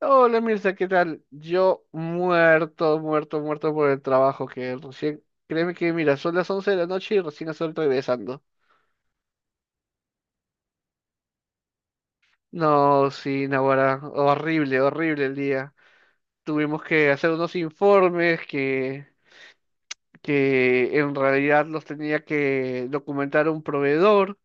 Hola Mirza, ¿qué tal? Yo muerto, muerto, muerto por el trabajo que recién, créeme que mira, son las 11 de la noche y recién estoy regresando. No, sí, Naguará, horrible, horrible el día. Tuvimos que hacer unos informes que en realidad los tenía que documentar un proveedor,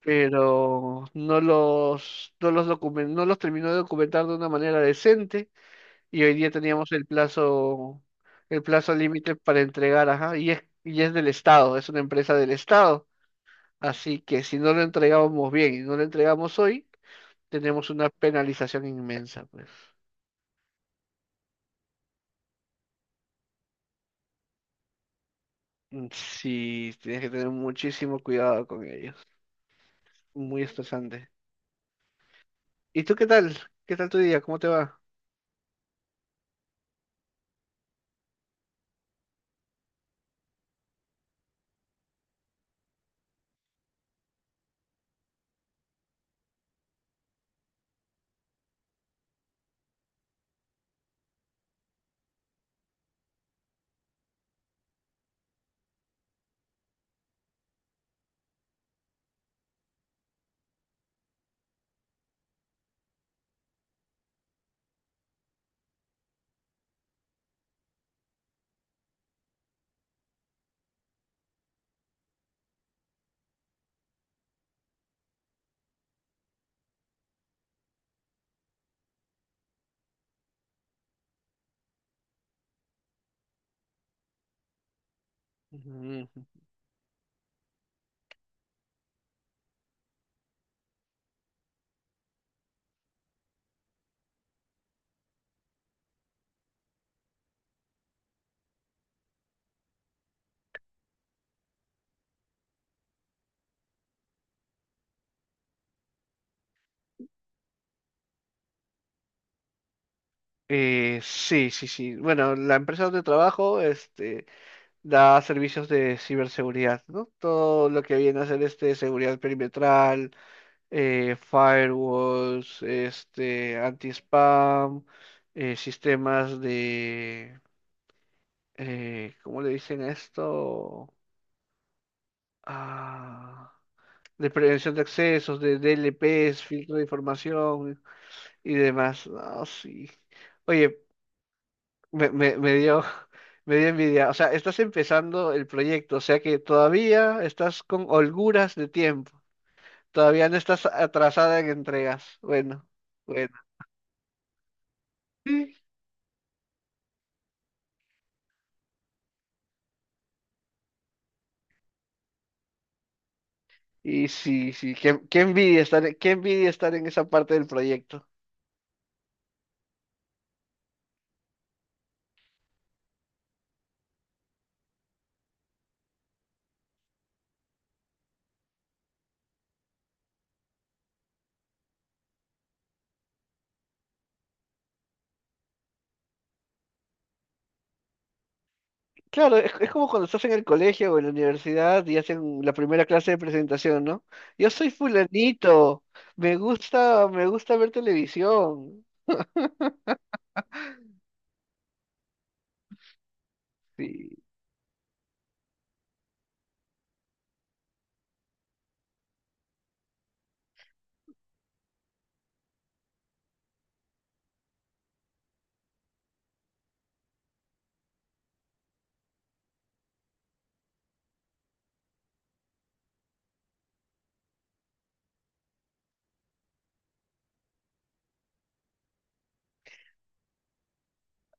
pero no los terminó de documentar de una manera decente. Y hoy día teníamos el plazo límite para entregar, ajá, y es del Estado, es una empresa del Estado. Así que si no lo entregábamos bien y no lo entregamos hoy, tenemos una penalización inmensa, pues. Mm, sí, tienes que tener muchísimo cuidado con ellos. Muy estresante. ¿Y tú qué tal? ¿Qué tal tu día? ¿Cómo te va? Ujú. Sí, sí, sí. Bueno, la empresa donde trabajo, este, da servicios de ciberseguridad, ¿no? Todo lo que viene a ser este seguridad perimetral, firewalls, este anti-spam, sistemas de ¿cómo le dicen a esto? Ah, de prevención de accesos, de DLPs, filtro de información y demás. Ah, sí. Oye, me dio, me dio envidia. O sea, estás empezando el proyecto, o sea que todavía estás con holguras de tiempo. Todavía no estás atrasada en entregas. Bueno, bueno. Sí. Y sí, sí, qué, qué envidia estar en esa parte del proyecto. Claro, es como cuando estás en el colegio o en la universidad y hacen la primera clase de presentación, ¿no? Yo soy fulanito, me gusta ver televisión. Sí.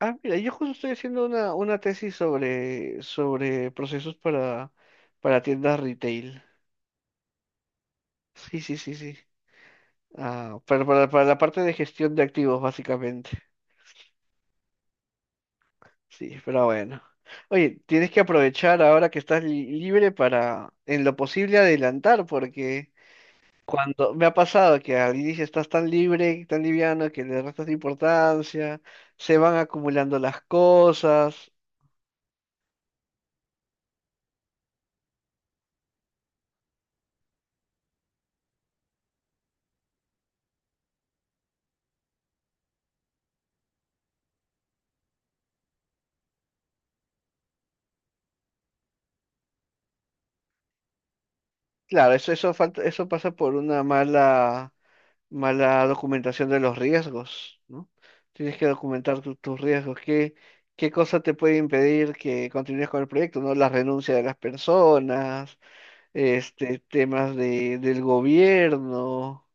Ah, mira, yo justo estoy haciendo una tesis sobre, sobre procesos para tiendas retail. Sí, sí, sí, sí. Ah, para la parte de gestión de activos, básicamente. Sí, pero bueno. Oye, tienes que aprovechar ahora que estás libre para, en lo posible, adelantar, porque cuando me ha pasado que al inicio estás tan libre, tan liviano, que le restas importancia, se van acumulando las cosas. Claro, eso falta, eso pasa por una mala documentación de los riesgos, ¿no? Tienes que documentar tus riesgos. ¿Qué, qué cosa te puede impedir que continúes con el proyecto, ¿no? La renuncia de las personas, este, temas de, del gobierno,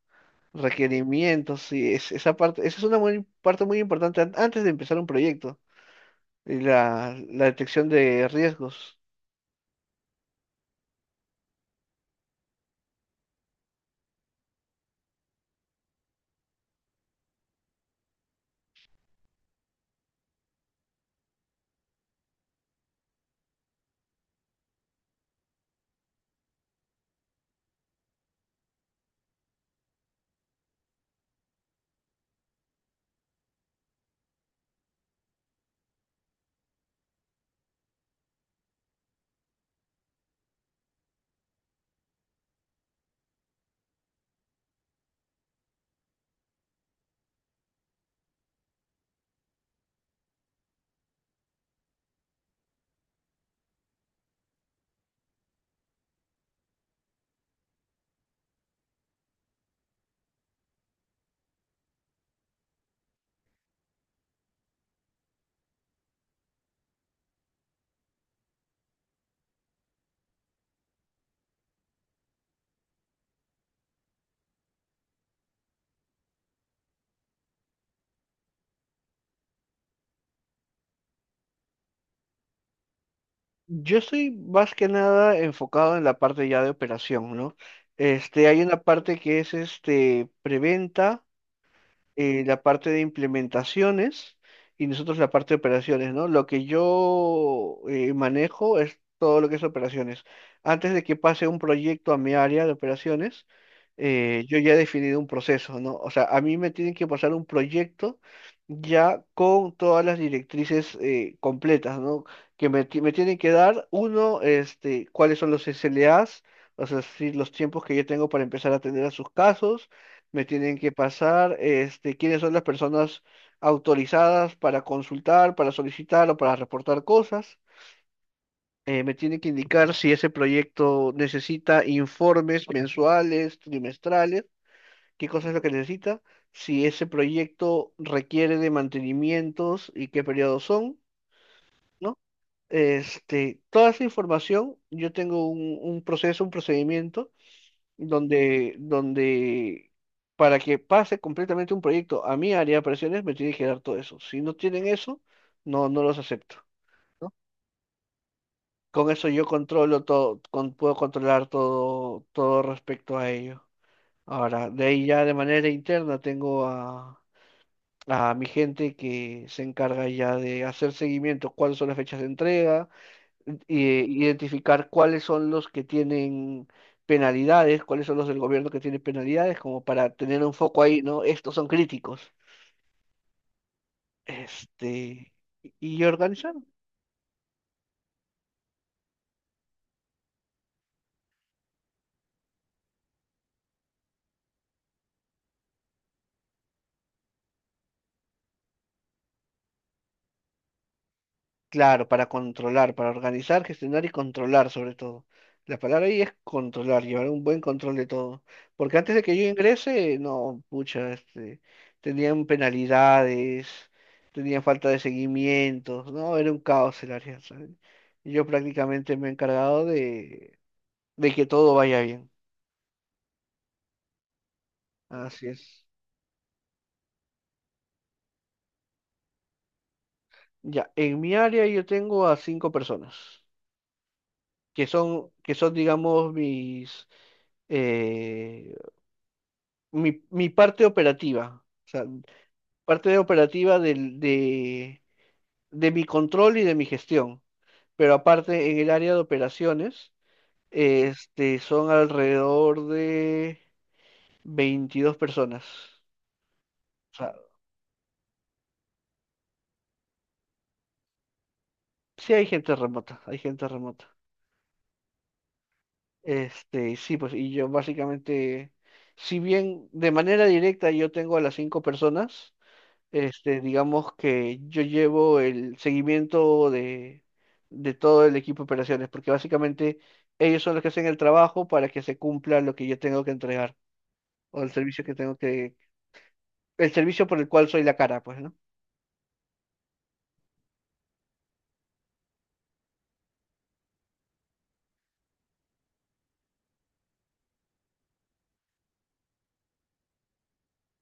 requerimientos, sí, esa parte, esa es una parte muy importante antes de empezar un proyecto, y la detección de riesgos. Yo estoy más que nada enfocado en la parte ya de operación, ¿no? Este, hay una parte que es este preventa, la parte de implementaciones y nosotros la parte de operaciones, ¿no? Lo que yo manejo es todo lo que es operaciones. Antes de que pase un proyecto a mi área de operaciones, yo ya he definido un proceso, ¿no? O sea, a mí me tienen que pasar un proyecto ya con todas las directrices completas, ¿no? Me tienen que dar, uno, este, cuáles son los SLAs, o sea, sí, los tiempos que yo tengo para empezar a atender a sus casos, me tienen que pasar, este, quiénes son las personas autorizadas para consultar, para solicitar o para reportar cosas. Me tienen que indicar si ese proyecto necesita informes mensuales, trimestrales, qué cosa es lo que necesita, si ese proyecto requiere de mantenimientos y qué periodos son, ¿no? Este, toda esa información, yo tengo un proceso, un procedimiento donde para que pase completamente un proyecto a mi área de operaciones me tiene que dar todo eso. Si no tienen eso, no, no los acepto. ¿No? Con eso yo controlo todo, puedo controlar todo, todo respecto a ello. Ahora, de ahí ya de manera interna tengo a mi gente que se encarga ya de hacer seguimiento, cuáles son las fechas de entrega, identificar cuáles son los que tienen penalidades, cuáles son los del gobierno que tienen penalidades, como para tener un foco ahí, ¿no? Estos son críticos. Este, y organizar. Claro, para controlar, para organizar, gestionar y controlar sobre todo. La palabra ahí es controlar, llevar un buen control de todo. Porque antes de que yo ingrese, no, pucha, este, tenían penalidades, tenían falta de seguimiento, no, era un caos el área, ¿sabes? Y yo prácticamente me he encargado de que todo vaya bien. Así es. Ya, en mi área yo tengo a 5 personas, que son, digamos, mis eh, mi parte operativa, o sea, parte de operativa de mi control y de mi gestión, pero aparte en el área de operaciones, este, son alrededor de 22 personas. O sea, sí hay gente remota, hay gente remota. Este, sí, pues, y yo básicamente, si bien de manera directa yo tengo a las 5 personas, este, digamos que yo llevo el seguimiento de todo el equipo de operaciones, porque básicamente ellos son los que hacen el trabajo para que se cumpla lo que yo tengo que entregar, o el servicio que tengo que, el servicio por el cual soy la cara, pues, ¿no?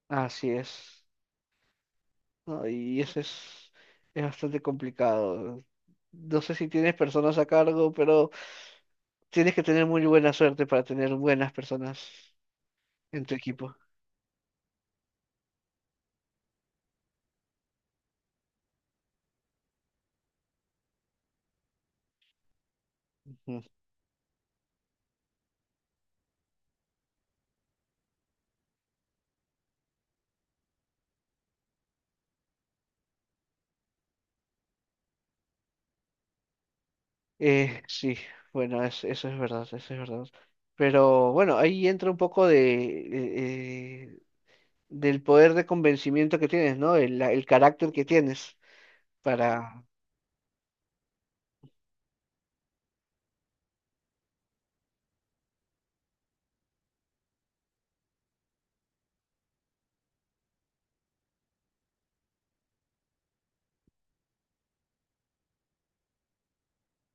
Así es, ¿no? Y eso es bastante complicado. No sé si tienes personas a cargo, pero tienes que tener muy buena suerte para tener buenas personas en tu equipo. Sí, bueno, eso es verdad, eso es verdad. Pero bueno, ahí entra un poco de, del poder de convencimiento que tienes, ¿no? El carácter que tienes para,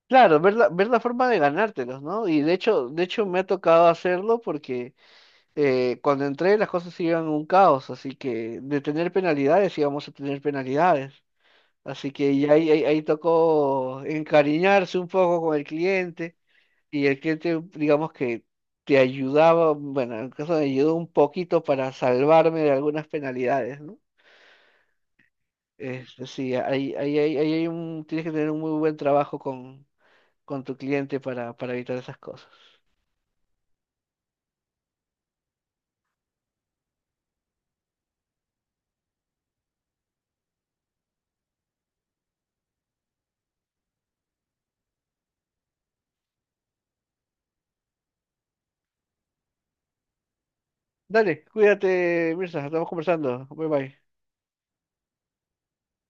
claro, ver la forma de ganártelos, ¿no? Y de hecho me ha tocado hacerlo porque cuando entré las cosas iban a un caos, así que de tener penalidades íbamos a tener penalidades. Así que ya ahí, ahí tocó encariñarse un poco con el cliente y el cliente, digamos que te ayudaba, bueno, en el caso me ayudó un poquito para salvarme de algunas penalidades, ¿no? Este, sí, ahí, ahí, ahí hay un, tienes que tener un muy buen trabajo con tu cliente para evitar esas cosas. Dale, cuídate, Mirza, estamos conversando. Bye bye.